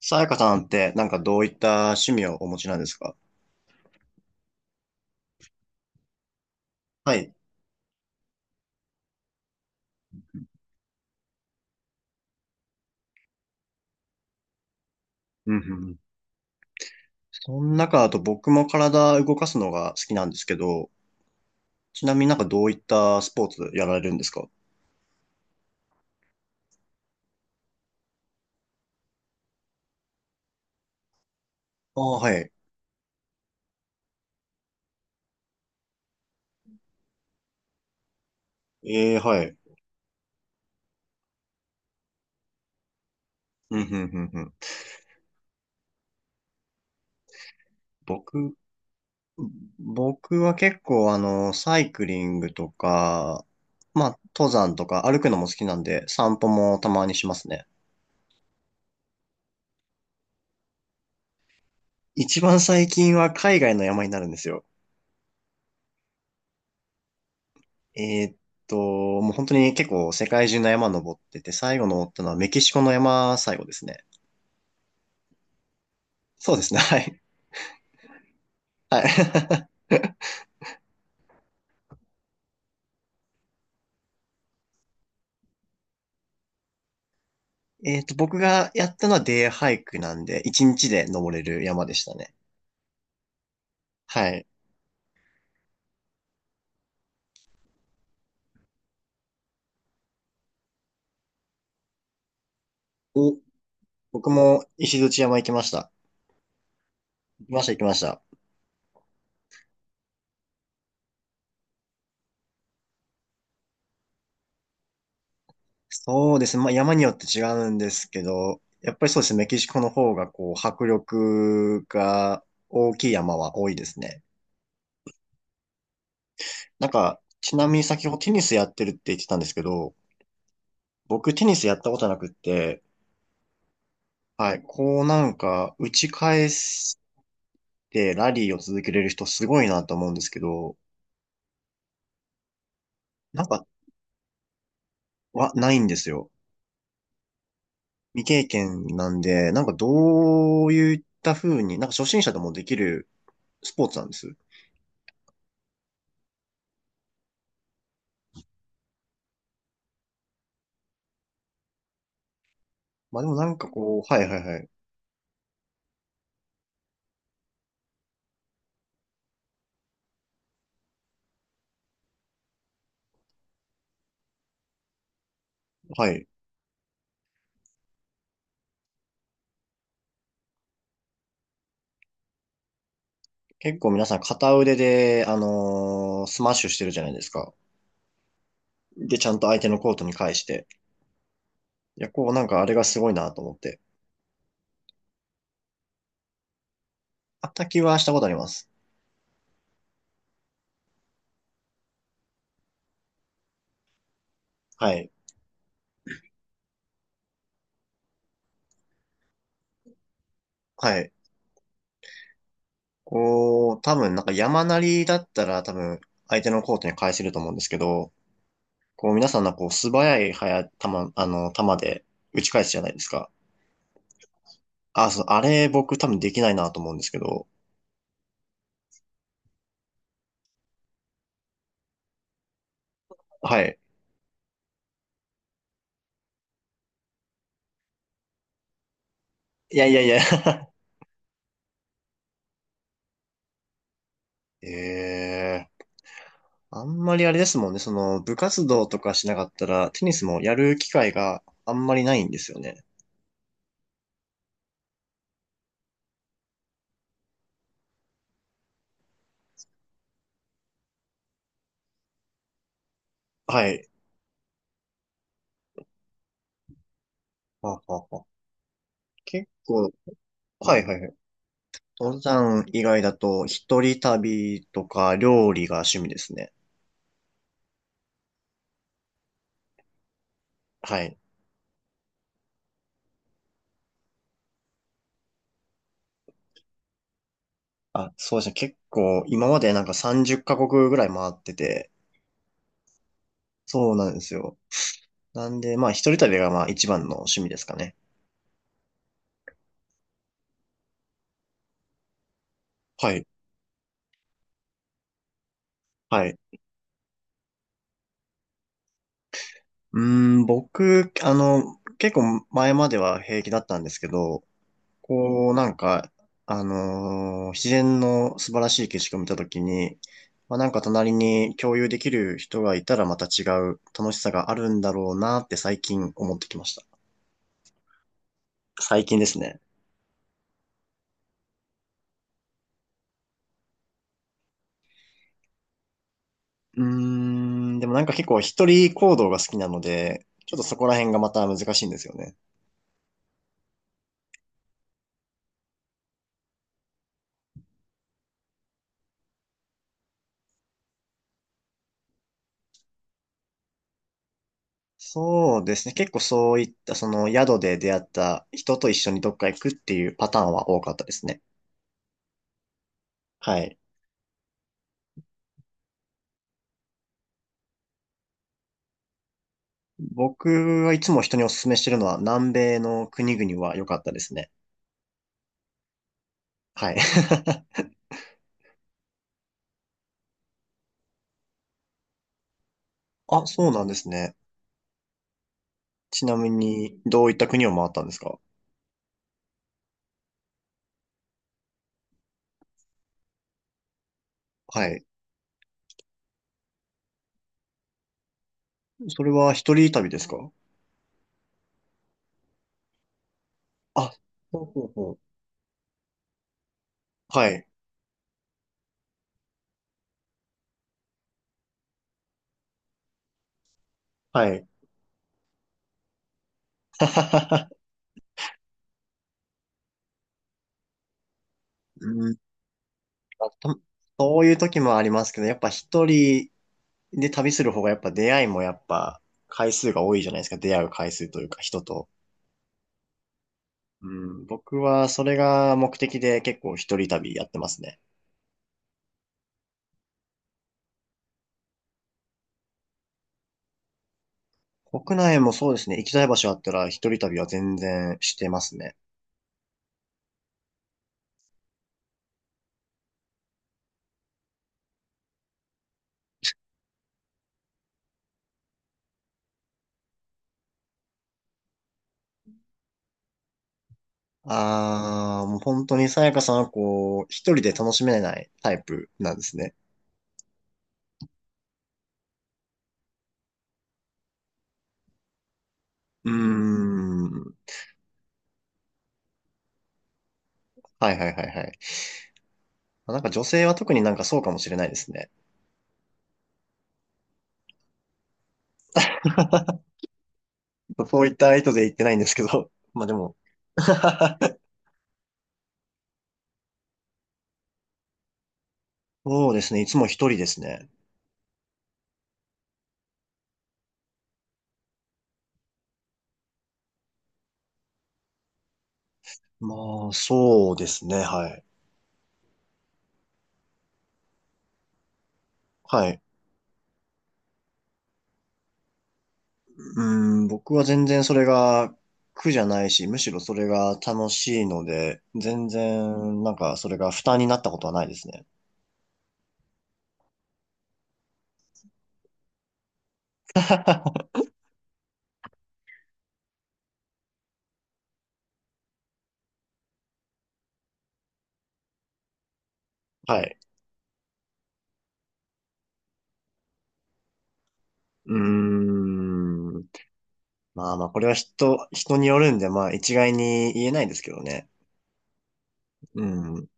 さやかさんってなんかどういった趣味をお持ちなんですか？はい。うんうんうん。その中だと僕も体動かすのが好きなんですけど、ちなみになんかどういったスポーツやられるんですか？ああ、はい。ええ、はい。うんうんうんうん。僕、僕は結構サイクリングとか、まあ、登山とか歩くのも好きなんで、散歩もたまにしますね。一番最近は海外の山になるんですよ。えーっもう本当に結構世界中の山登ってて、最後登ったのはメキシコの山最後ですね。そうですね、はい。はい。僕がやったのはデイハイクなんで、1日で登れる山でしたね。はい。お、僕も石鎚山行きました。行きました、行きました。そうですね、まあ山によって違うんですけど、やっぱりそうですね、メキシコの方がこう、迫力が大きい山は多いですね。なんか、ちなみに先ほどテニスやってるって言ってたんですけど、僕テニスやったことなくって、はい、こうなんか打ち返してラリーを続けれる人すごいなと思うんですけど、なんかはないんですよ。未経験なんで、なんかどういった風に、なんか初心者でもできるスポーツなんです。まあでもなんかこう、はいはいはい。はい。結構皆さん片腕で、スマッシュしてるじゃないですか。で、ちゃんと相手のコートに返して。いや、こうなんかあれがすごいなと思って。あったはしたことあります。はい。はい。こう、多分なんか山なりだったら多分相手のコートに返せると思うんですけど、こう皆さんのこう素早い早球、球で打ち返すじゃないですか。あ、そう、あれ僕多分できないなと思うんですけど。はい。いやいやいや ええ、あんまりあれですもんね。その部活動とかしなかったらテニスもやる機会があんまりないんですよね。はい。ははは。結構、はいはいはい。登山以外だと一人旅とか料理が趣味ですね。はい。あ、そうですね。結構、今までなんか30カ国ぐらい回ってて、そうなんですよ。なんで、まあ、一人旅がまあ一番の趣味ですかね。はい。はい。うーん、僕、結構前までは平気だったんですけど、こう、なんか、自然の素晴らしい景色を見たときに、まあ、なんか隣に共有できる人がいたらまた違う楽しさがあるんだろうなって最近思ってきました。最近ですね。うーん、でもなんか結構一人行動が好きなので、ちょっとそこら辺がまた難しいんですよね。そうですね。結構そういったその宿で出会った人と一緒にどっか行くっていうパターンは多かったですね。はい。僕はいつも人にお勧めしてるのは南米の国々は良かったですね。はい。あ、そうなんですね。ちなみにどういった国を回ったんですか？はい。それは一人旅ですか？あ、ほうほうほう。はい。はい。うあと、そういう時もありますけど、やっぱ一人で旅する方がやっぱ出会いもやっぱ回数が多いじゃないですか。出会う回数というか人と。うん、僕はそれが目的で結構一人旅やってますね。国内もそうですね。行きたい場所あったら一人旅は全然してますね。ああ、もう本当にさやかさんはこう、一人で楽しめないタイプなんですね。うーん。はいはいはいはい。なんか女性は特になんかそうかもしれないですね。そういった意図で言ってないんですけど。まあでも。そうですね。いつも一人ですね。まあ、そうですね。はい。はい。うん、僕は全然それが苦じゃないし、むしろそれが楽しいので、全然、なんか、それが負担になったことはないですね。はい。うーん。まあまあ、これは人によるんで、まあ、一概に言えないですけどね。うん。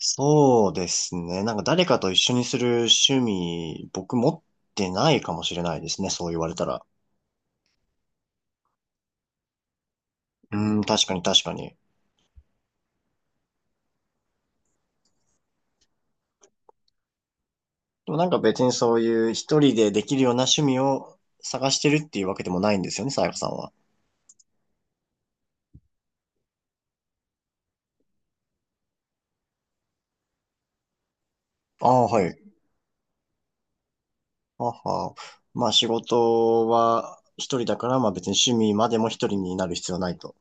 そうですね。なんか誰かと一緒にする趣味、僕持ってないかもしれないですね。そう言われたら。うん、確かに確かに。でもなんか別にそういう一人でできるような趣味を探してるっていうわけでもないんですよね、さやかさんは。ああ、はい。はは。まあ仕事は一人だから、まあ別に趣味までも一人になる必要はないと。